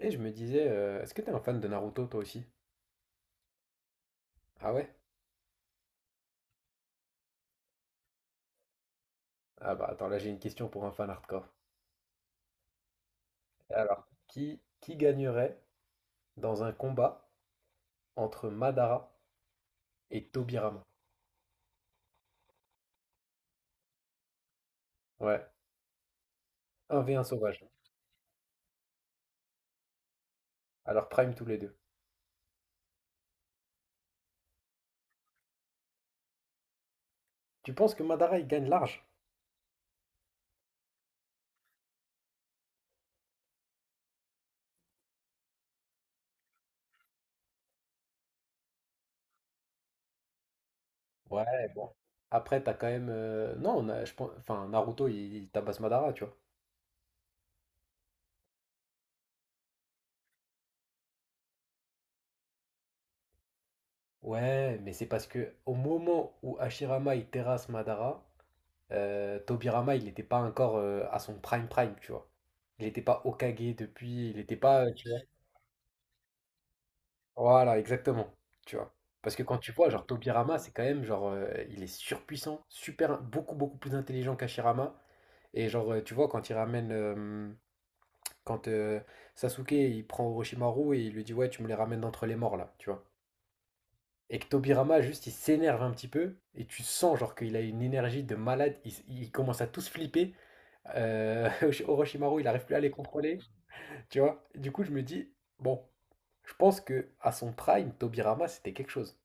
Et je me disais, est-ce que t'es un fan de Naruto toi aussi? Ah ouais? Ah bah attends, là j'ai une question pour un fan hardcore. Alors, qui gagnerait dans un combat entre Madara et Tobirama? Ouais, un sauvage. Alors prime tous les deux. Tu penses que Madara il gagne large? Ouais, bon. Après, t'as quand même. Non, on a- Je pense... enfin, Naruto il tabasse Madara, tu vois. Ouais, mais c'est parce que au moment où Hashirama il terrasse Madara, Tobirama, il n'était pas encore à son prime, tu vois. Il n'était pas Hokage depuis, il n'était pas, tu vois. Voilà, exactement, tu vois. Parce que quand tu vois, genre Tobirama, c'est quand même genre, il est surpuissant, super, beaucoup beaucoup plus intelligent qu'Hashirama. Et genre, tu vois, quand Sasuke, il prend Orochimaru et il lui dit, ouais, tu me les ramènes d'entre les morts là, tu vois. Et que Tobirama, juste, il s'énerve un petit peu, et tu sens genre qu'il a une énergie de malade, il commence à tous flipper. Euh, Orochimaru, il n'arrive plus à les contrôler. Tu vois? Du coup, je me dis, bon, je pense que à son prime, Tobirama, c'était quelque chose.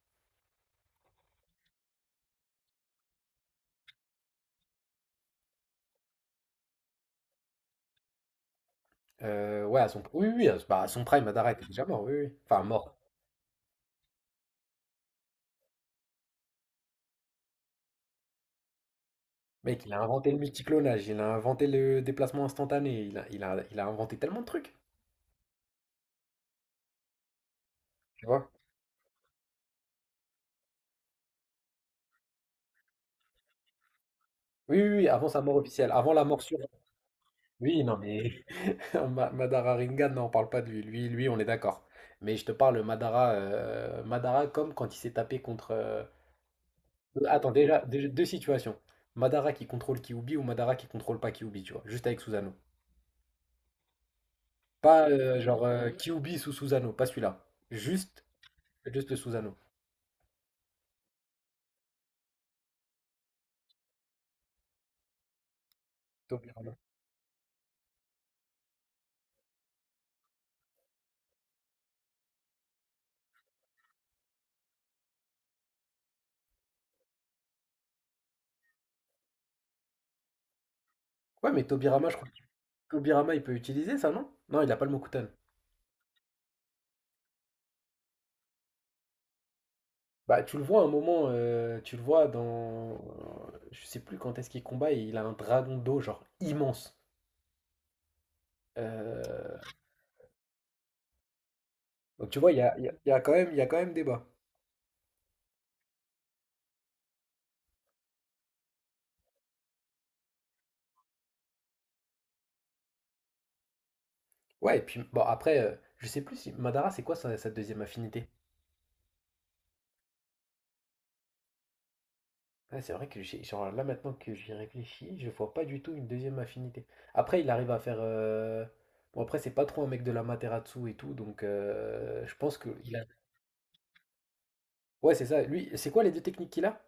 Ouais, à son, oui, oui, oui, à, bah, à son prime, Madara était déjà mort, oui, oui. Enfin, mort. Mec, il a inventé le multiclonage, il a inventé le déplacement instantané, il a inventé tellement de trucs, tu vois? Oui, oui, oui, avant sa mort officielle, avant la mort sur... Oui, non, mais Madara Rinnegan, non, on parle pas de lui. Lui, on est d'accord. Mais je te parle Madara, Madara comme quand il s'est tapé contre, euh. Attends, déjà, déjà, deux situations. Madara qui contrôle Kyuubi ou Madara qui contrôle pas Kyuubi, tu vois, juste avec Susanoo. Pas Kyuubi sous Susanoo, pas celui-là. Juste, juste le Susanoo. Tobirama. Ouais, mais Tobirama, je crois que Tobirama, il peut utiliser ça, non? Non, il a pas le Mokutan. Bah, tu le vois à un moment, tu le vois dans, euh. Je sais plus quand est-ce qu'il combat, il a un dragon d'eau, genre immense. Euh. Donc tu vois, il y a, il y a- il y a quand même, il y a quand même débat. Ouais, et puis bon, après, je sais plus si Madara, c'est quoi sa deuxième affinité? Ouais, c'est vrai que j'ai, genre là maintenant que j'y réfléchis, je vois pas du tout une deuxième affinité. Après, il arrive à faire, euh. Bon, après, c'est pas trop un mec de la Materatsu et tout, donc je pense que. Il a... Ouais, c'est ça. Lui, c'est quoi les deux techniques qu'il a?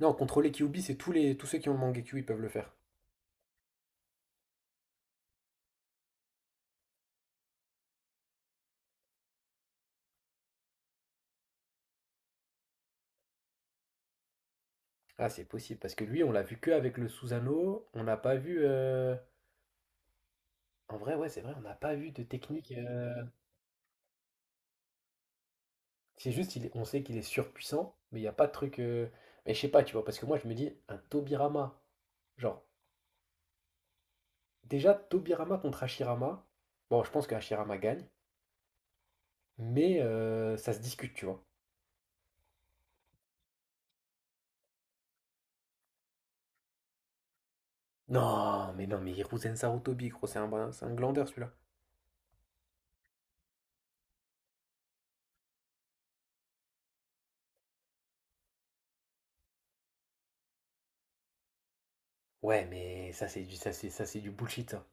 Non, contrôler Kyuubi, c'est tous ceux qui ont le Mangekyou, ils peuvent le faire. Ah, c'est possible, parce que lui, on l'a vu que avec le Susanoo, on n'a pas vu, euh. En vrai, ouais, c'est vrai, on n'a pas vu de technique, euh. C'est juste, on sait qu'il est surpuissant, mais il n'y a pas de truc, euh. Mais je sais pas, tu vois, parce que moi, je me dis, un Tobirama. Genre, déjà, Tobirama contre Hashirama. Bon, je pense que Hashirama gagne, mais ça se discute, tu vois. Non, mais non, mais Hiruzen Sarutobi, gros, c'est un glandeur celui-là. Ouais, mais ça, c'est du bullshit, ça.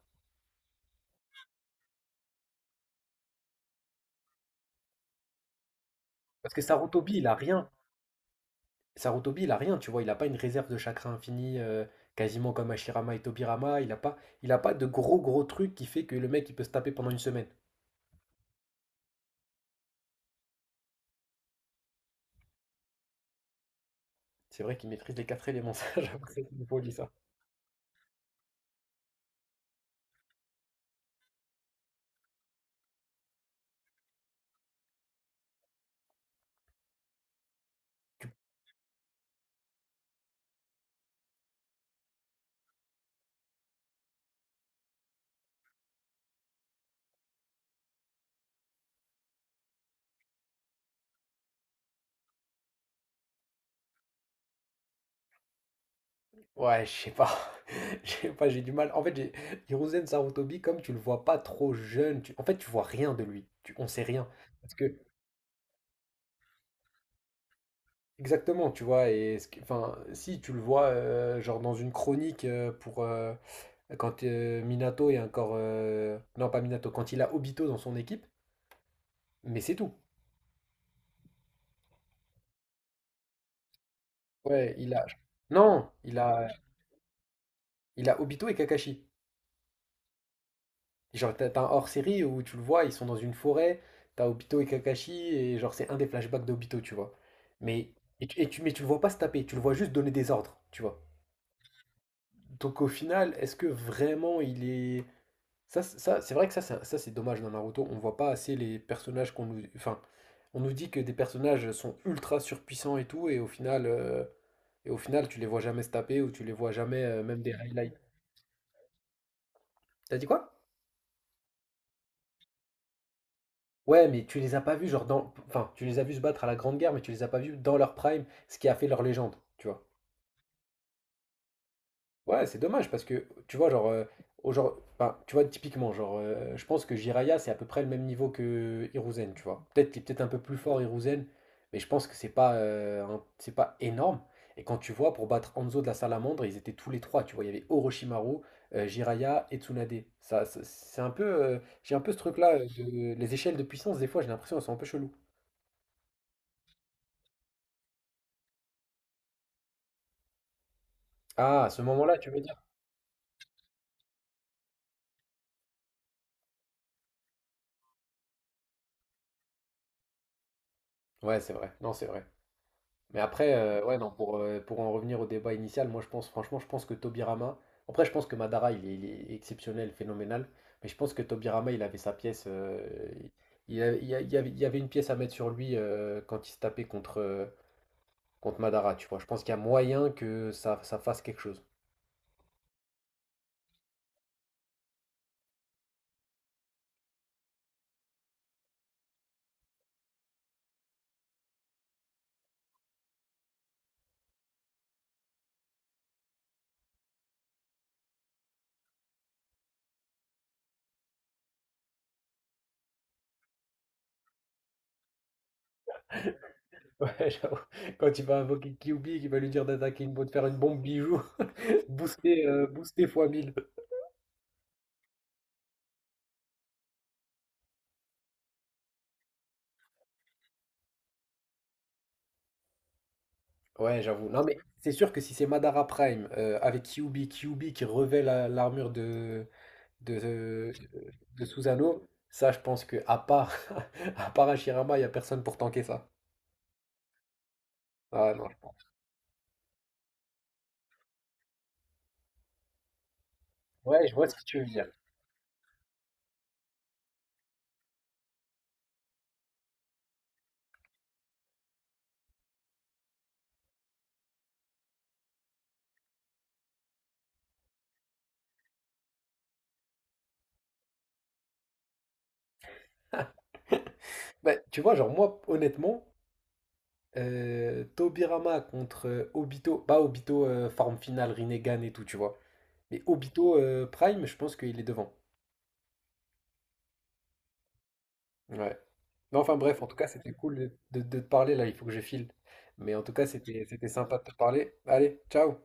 Parce que Sarutobi, il a rien. Sarutobi, il a rien, tu vois. Il a pas une réserve de chakra infini, quasiment comme Hashirama et Tobirama. Il a pas de gros, gros truc qui fait que le mec, il peut se taper pendant une semaine. C'est vrai qu'il maîtrise les quatre éléments, ça, j'avoue que c'est une folie, ça. Tu... Ouais, je sais pas. Je sais pas, j'ai du mal. En fait, j'ai... Hiruzen Sarutobi, comme tu le vois pas trop jeune, tu... en fait, tu vois rien de lui. Tu... On sait rien. Parce que, exactement, tu vois, et enfin, si tu le vois, genre dans une chronique pour quand Minato est encore, euh. Non, pas Minato, quand il a Obito dans son équipe, mais c'est tout. Ouais, il a. Non, il a Obito et Kakashi. Genre, t'as un hors-série où tu le vois, ils sont dans une forêt, t'as Obito et Kakashi, et genre, c'est un des flashbacks d'Obito, tu vois. Mais, mais tu le vois pas se taper, tu le vois juste donner des ordres, tu vois. Donc au final, est-ce que vraiment il est... ça, ça c'est dommage, dans Naruto, on voit pas assez les personnages qu'on nous... Enfin, on nous dit que des personnages sont ultra surpuissants et tout, et au final tu les vois jamais se taper, ou tu les vois jamais, même des highlights. T'as dit quoi? Ouais, mais tu les as pas vus, genre dans. Enfin, tu les as vus se battre à la Grande Guerre, mais tu les as pas vus dans leur prime, ce qui a fait leur légende, tu vois. Ouais, c'est dommage parce que, tu vois, genre, euh. Enfin, tu vois, typiquement, genre, je pense que Jiraiya c'est à peu près le même niveau que Hiruzen, tu vois. Peut-être qu'il est peut-être un peu plus fort, Hiruzen, mais je pense que c'est pas, c'est pas énorme. Et quand tu vois, pour battre Hanzo de la Salamandre, ils étaient tous les trois, tu vois. Il y avait Orochimaru, Jiraya et Tsunade. C'est un peu, euh. J'ai un peu ce truc-là, les échelles de puissance, des fois, j'ai l'impression, elles sont un peu cheloues. Ah, à ce moment-là, tu veux dire? Ouais, c'est vrai. Non, c'est vrai. Mais après, ouais, non, pour en revenir au débat initial, moi, je pense, franchement, je pense que Tobirama. Après, je pense que Madara, il est exceptionnel, phénoménal. Mais je pense que Tobirama, il avait sa pièce, euh. il, a- il y avait une pièce à mettre sur lui quand il se tapait contre, contre Madara, tu vois. Je pense qu'il y a moyen que ça fasse quelque chose. Ouais, j'avoue. Quand il va invoquer Kyuubi, qu'il va lui dire d'attaquer une bombe, de faire une bombe bijou, booster fois mille. Ouais, j'avoue. Non, mais c'est sûr que si c'est Madara Prime avec Kyuubi, Kyuubi qui revêt l'armure de, de, de Susanoo, ça, je pense que à part, à part Hashirama, il n'y a personne pour tanker ça. Ah non, je pense... Ouais, je vois ce que tu veux dire. Bah, tu vois, genre, moi, honnêtement. Tobirama contre Obito, pas Obito forme finale, Rinnegan et tout, tu vois. Mais Obito, Prime, je pense qu'il est devant. Ouais. Mais enfin bref, en tout cas, c'était cool de, de te parler là, il faut que je file. Mais en tout cas, c'était c'était sympa de te parler. Allez, ciao!